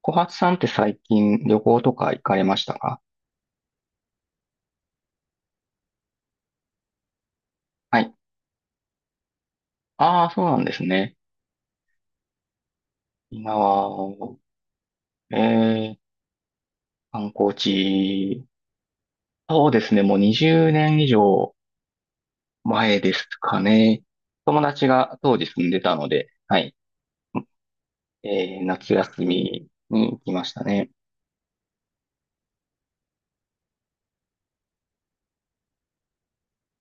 小初さんって最近旅行とか行かれましたか？はい。ああ、そうなんですね。今は、えー、観光地。そうですね。もう20年以上前ですかね。友達が当時住んでたので、はい。夏休みに行きましたね。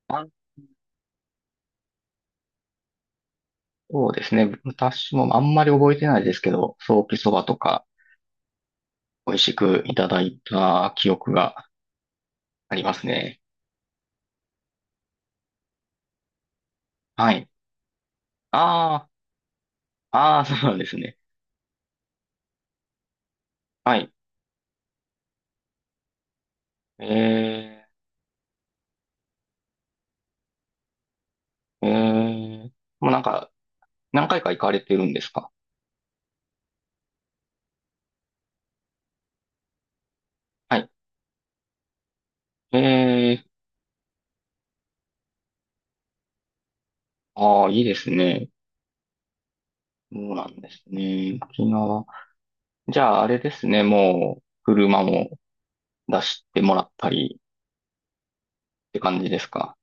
あ、そうですね。私もあんまり覚えてないですけど、ソーキそばとか美味しくいただいた記憶がありますね。はい。ああ、ああ、そうなんですね。はい。えー、えー、もうなんか、何回か行かれてるんですか？はい。えー、ああ、いいですね。そうなんですね。沖縄。じゃあ、あれですね。もう、車も出してもらったりって感じですか？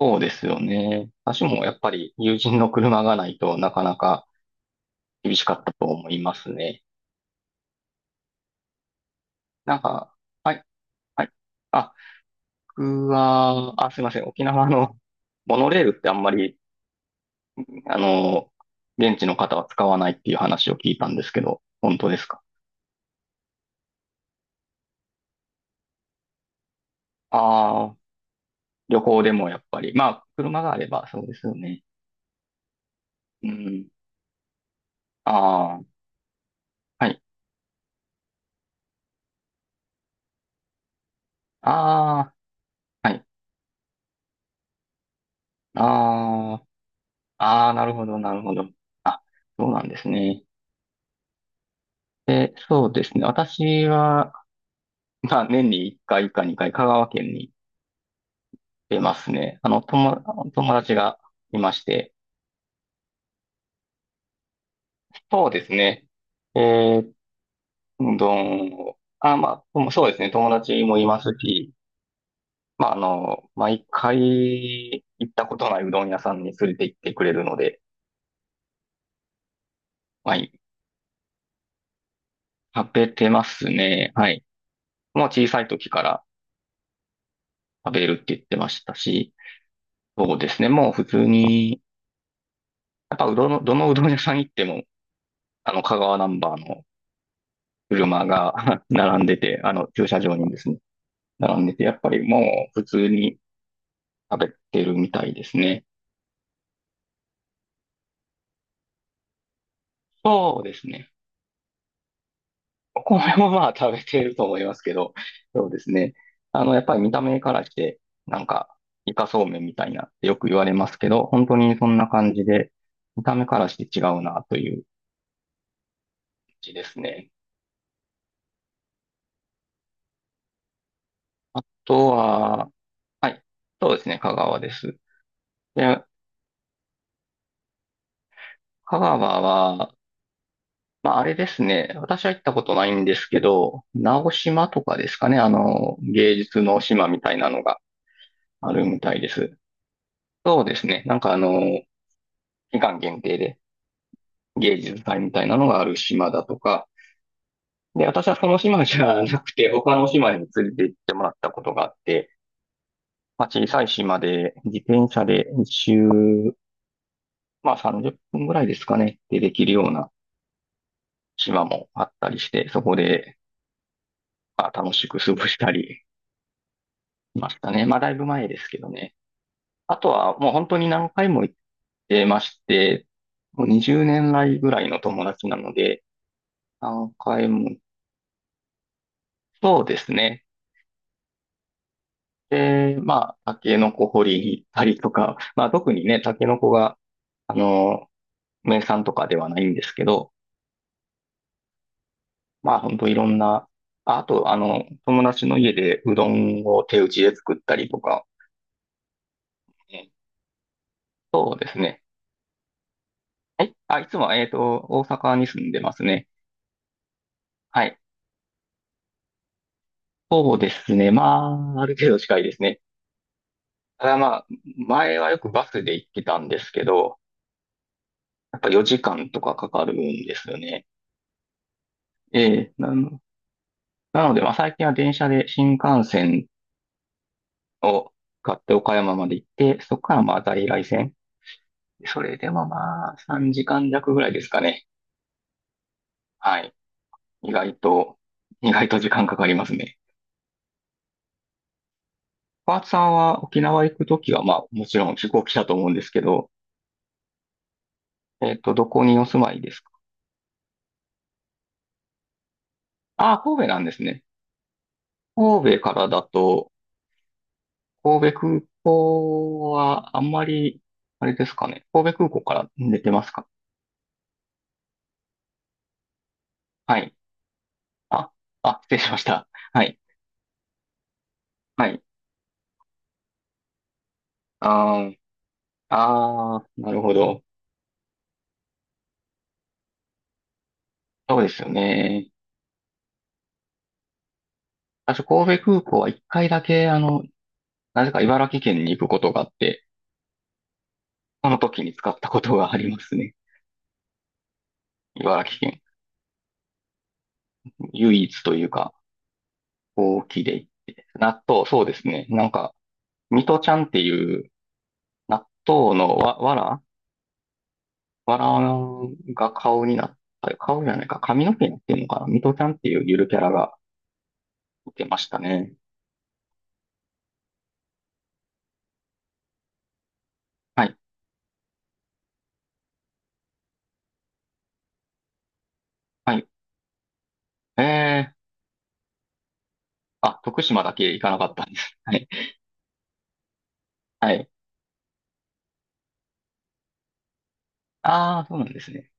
そうですよね。私もやっぱり友人の車がないとなかなか厳しかったと思いますね。なんか、はい、はい。あ、僕は、あ、すいません。沖縄の モノレールってあんまりあの、現地の方は使わないっていう話を聞いたんですけど、本当ですか？ああ、旅行でもやっぱり。まあ、車があればそうですよね。うん。ああ、はい。ああ、はい。ああ、ああ、なるほど、なるほど。あ、そうなんですね。で、そうですね。私は、まあ、年に1回か2回、香川県に出ますね。友達がいまして。そうですね。えーうどんを、あ、まあ、うんそうですね、友達もいますし、まあ、毎回行ったことないうどん屋さんに連れて行ってくれるので、はい、食べてますね。はい。もう小さい時から食べるって言ってましたし、そうですね、もう普通に、やっぱうどんの、どのうどん屋さん行っても、香川ナンバーの車が 並んでて、駐車場にですね、並んでて、やっぱりもう普通に食べてるみたいですね。そうですね。お米もまあ食べてると思いますけど、そうですね。やっぱり見た目からして、なんか、イカそうめんみたいなってよく言われますけど、本当にそんな感じで、見た目からして違うなという感じですね。あとは、はい、そうですね、香川です。で、香川は、まああれですね、私は行ったことないんですけど、直島とかですかね、芸術の島みたいなのがあるみたいです。そうですね、期間限定で、芸術祭みたいなのがある島だとか、で、私はその島じゃなくて、他の島に連れて行ってもらったことがあって、まあ、小さい島で自転車で一周、まあ30分ぐらいですかね、でできるような島もあったりして、そこで、まあ、楽しく過ごしたりしましたね。まあだいぶ前ですけどね。あとはもう本当に何回も行ってまして、もう20年来ぐらいの友達なので、何回も、そうですね。で、まあ、タケノコ掘りに行ったりとか、まあ、特にね、タケノコが、あの、名産とかではないんですけど、まあ、本当いろんな、ああと、あの、友達の家でうどんを手打ちで作ったりとか、そうですね。はい。あ、いつも大阪に住んでますね。はい。そうですね。まあ、ある程度近いですね。ただまあ、前はよくバスで行ってたんですけど、やっぱ4時間とかかかるんですよね。ええ、なので、まあ、最近は電車で新幹線を買って岡山まで行って、そこからまあ在来線。それでもまあ3時間弱ぐらいですかね。はい。意外と、意外と時間かかりますね。パーツさんは沖縄行くときはまあもちろん飛行機だと思うんですけど、どこにお住まいですか？ああ、神戸なんですね。神戸からだと、神戸空港はあんまり、あれですかね。神戸空港から出てますか？はい。あ、あ、失礼しました。はい。はい、あー、あー、なるほど。そうですよね。私、神戸空港は一回だけ、なぜか茨城県に行くことがあって、その時に使ったことがありますね。茨城県。唯一というか、大きいで行って。納豆、そうですね。なんか、ミトちゃんっていう納豆のわらが顔になった、顔じゃないか、髪の毛になってるのかな、ミトちゃんっていうゆるキャラがいてましたね。はい、はい。えー、あ、徳島だけ行かなかったんです。はい、はい。ああ、そうなんですね。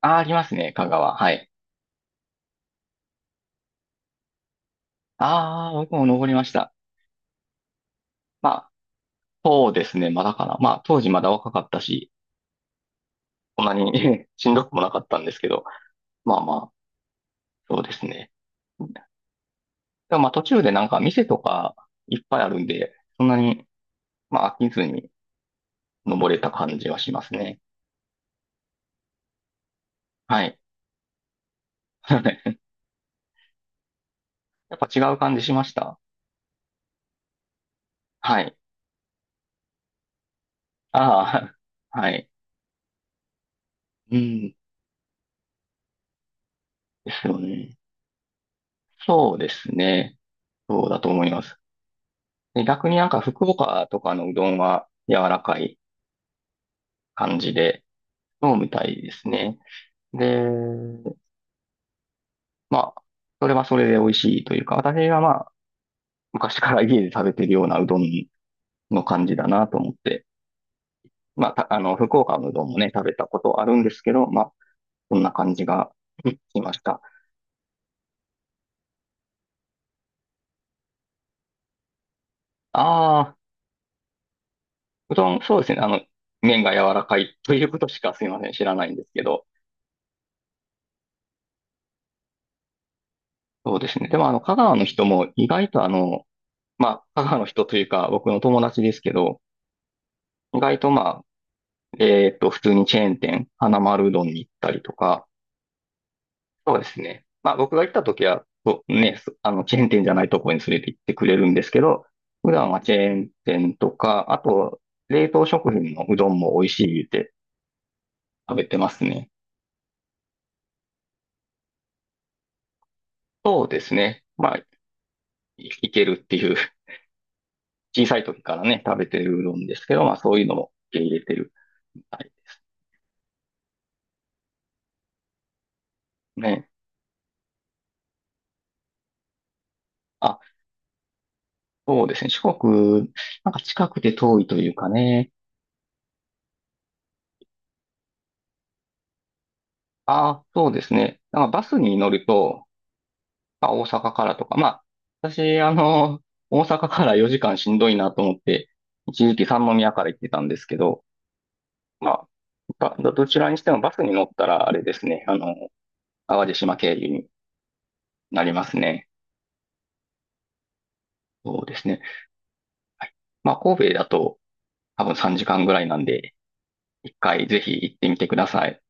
ああ、ありますね、香川。はい。ああ、僕も登りました。まあ、そうですね、まだかな。まあ、当時まだ若かったし、そんなに しんどくもなかったんですけど、まあまあ、そうですね。でもまあ、途中でなんか店とかいっぱいあるんで、そんなに、まあ、飽きずに登れた感じはしますね。はい。やっぱ違う感じしました。はい。ああ、はい。うん、ですよね。そうですね。そうだと思います。で逆になんか福岡とかのうどんは柔らかい感じで飲むみたいですね。で、まあ、それはそれで美味しいというか、私がまあ、昔から家で食べてるようなうどんの感じだなと思って、まあ、たあの、福岡のうどんもね、食べたことあるんですけど、まあ、そんな感じが、うん、しました。ああ、うどん、そうですね。麺が柔らかいということしかすいません、知らないんですけど。そうですね。でも、香川の人も意外とまあ、母の人というか、僕の友達ですけど、意外とまあ、普通にチェーン店、花丸うどんに行ったりとか、そうですね。まあ、僕が行った時は、そうね、そあの、チェーン店じゃないところに連れて行ってくれるんですけど、普段はチェーン店とか、あと、冷凍食品のうどんも美味しい言って食べてますね。そうですね。まあ、いいけるっていう、小さい時からね、食べてるうどんですけど、まあ、そういうのも受け入れてるみたいですね。あ、そうですね。四国、なんか近くて遠いというかね。ああ、そうですね。なんかバスに乗ると、まあ、大阪からとか、まあ、私、大阪から4時間しんどいなと思って、一時期三宮から行ってたんですけど、まあ、どちらにしてもバスに乗ったら、あれですね、淡路島経由になりますね。そうですね。はい。まあ、神戸だと多分3時間ぐらいなんで、一回ぜひ行ってみてください。